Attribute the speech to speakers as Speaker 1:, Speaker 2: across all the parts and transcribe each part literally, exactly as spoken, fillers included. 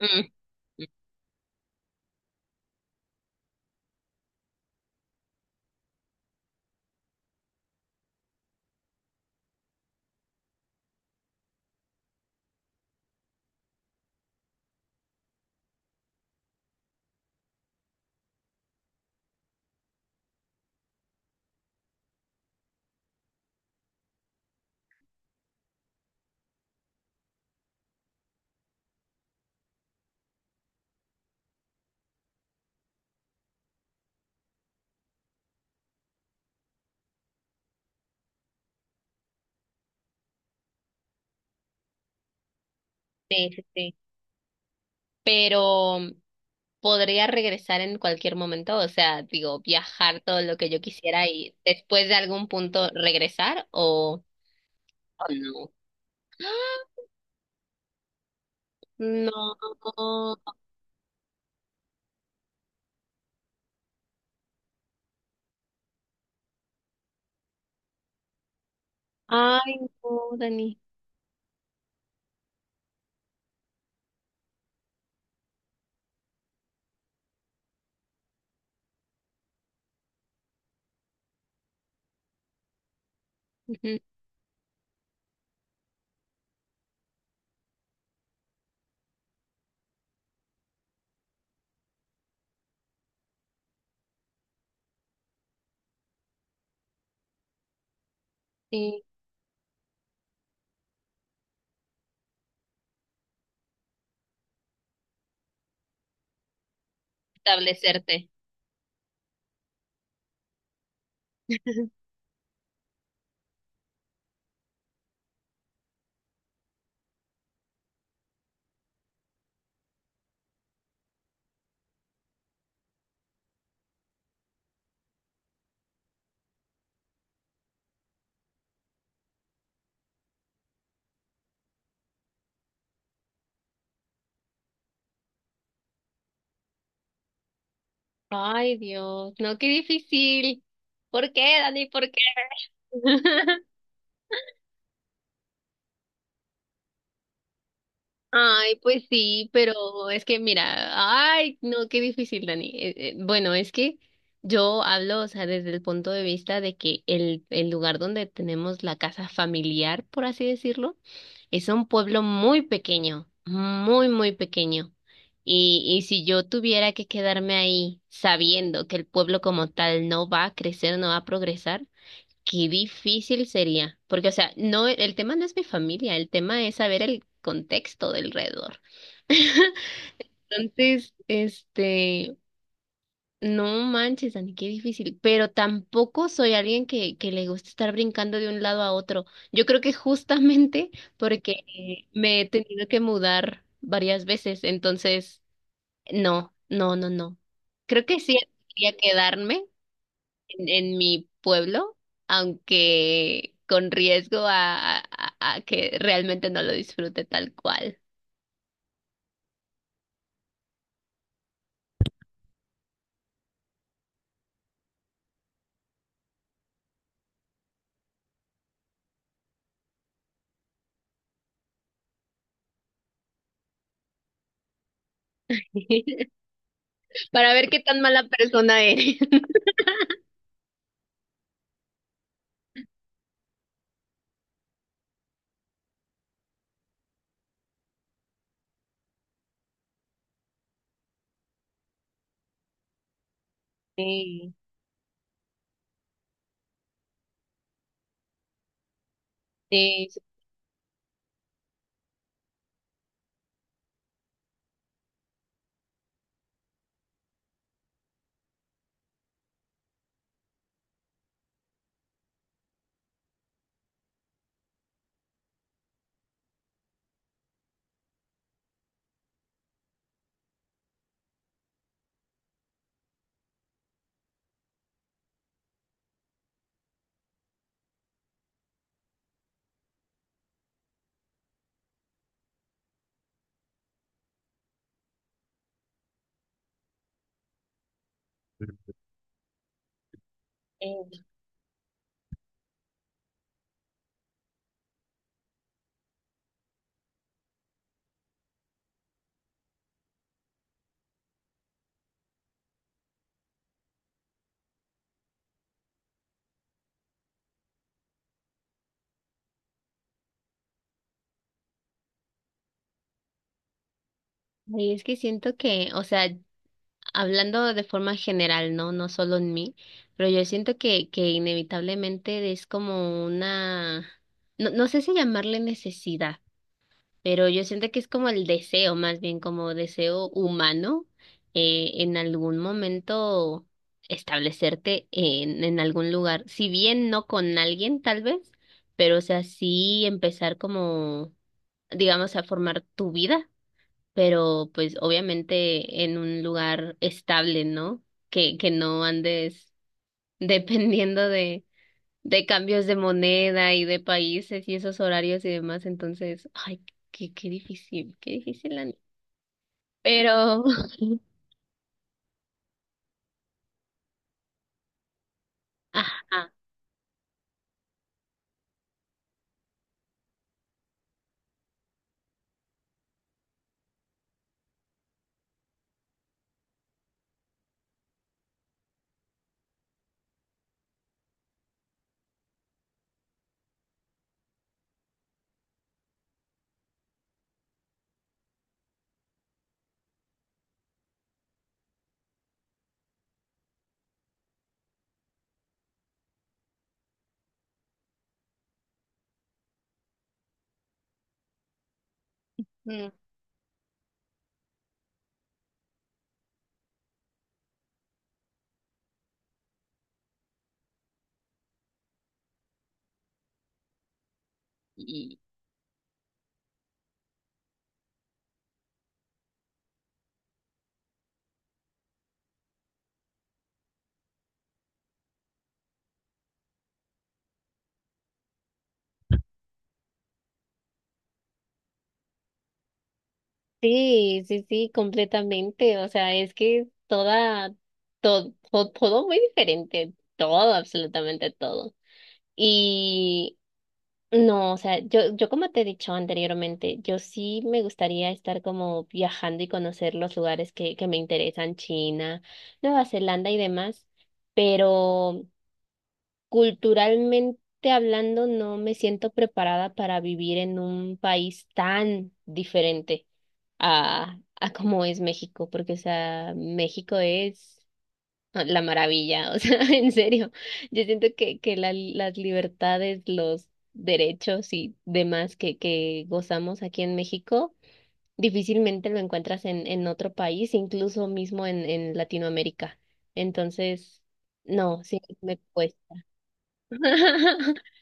Speaker 1: Mm, sí, sí, sí. Pero mm, podría regresar en cualquier momento, o sea, digo, viajar todo lo que yo quisiera y después de algún punto regresar o, o no. ¡Ah! No. Ay, no, Dani. Ujú. Sí, establecerte. Ay, Dios, no, qué difícil. ¿Por qué, Dani? ¿Por qué? Ay, pues sí, pero es que mira, ay, no, qué difícil, Dani. Eh, eh, bueno, es que yo hablo, o sea, desde el punto de vista de que el, el lugar donde tenemos la casa familiar, por así decirlo, es un pueblo muy pequeño, muy, muy pequeño. Y, y si yo tuviera que quedarme ahí sabiendo que el pueblo como tal no va a crecer, no va a progresar, qué difícil sería, porque, o sea, no, el tema no es mi familia, el tema es saber el contexto del alrededor. Entonces, este, no manches, Dani, qué difícil, pero tampoco soy alguien que, que le gusta estar brincando de un lado a otro. Yo creo que justamente porque eh, me he tenido que mudar varias veces, entonces, no, no, no, no. Creo que sí quería quedarme, en, en mi pueblo, aunque con riesgo a, a- a- a que realmente no lo disfrute tal cual. Para ver qué tan mala persona eres. Sí, sí, sí. Y es que siento que, o sea, hablando de forma general, ¿no? No solo en mí, pero yo siento que, que inevitablemente es como una, no, no sé si llamarle necesidad. Pero yo siento que es como el deseo, más bien como deseo humano, eh, en algún momento establecerte en, en algún lugar, si bien no con alguien tal vez, pero o sea, sí empezar como, digamos, a formar tu vida, pero pues obviamente en un lugar estable, ¿no? Que, que no andes dependiendo de cambios de moneda y de países y esos horarios y demás, entonces, ay, qué, qué difícil, qué difícil, Ani. Pero, ajá, mm, y sí, sí, sí, completamente, o sea, es que toda, todo, todo muy diferente, todo, absolutamente todo. Y no, o sea, yo, yo como te he dicho anteriormente, yo sí me gustaría estar como viajando y conocer los lugares que, que me interesan, China, Nueva Zelanda y demás, pero culturalmente hablando no me siento preparada para vivir en un país tan diferente a, a como es México, porque o sea, México es la maravilla, o sea, en serio, yo siento que, que la- las libertades, los derechos y demás que, que gozamos aquí en México, difícilmente lo encuentras en, en otro país, incluso mismo en, en Latinoamérica. Entonces, no, sí, me cuesta.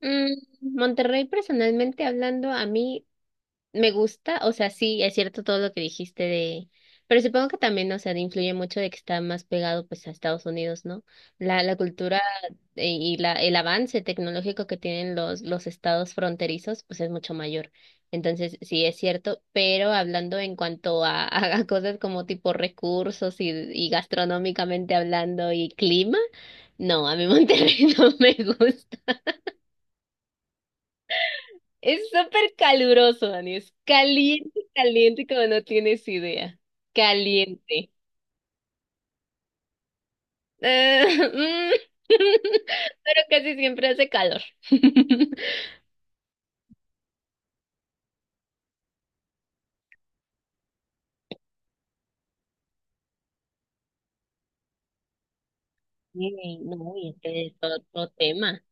Speaker 1: Mm, Monterrey, personalmente hablando, a mí me gusta, o sea, sí, es cierto todo lo que dijiste de, pero supongo que también, o sea, influye mucho de que está más pegado pues a Estados Unidos, ¿no? La, la cultura, eh, y la, el avance tecnológico que tienen los, los estados fronterizos, pues es mucho mayor. Entonces, sí, es cierto, pero hablando en cuanto a, a cosas como tipo recursos y, y gastronómicamente hablando y clima, no, a mí Monterrey no me gusta. Es súper caluroso, Dani. Es caliente, caliente, como no tienes idea. Caliente. Ah, mm, pero casi siempre hace calor. Sí, no, y este es otro tema.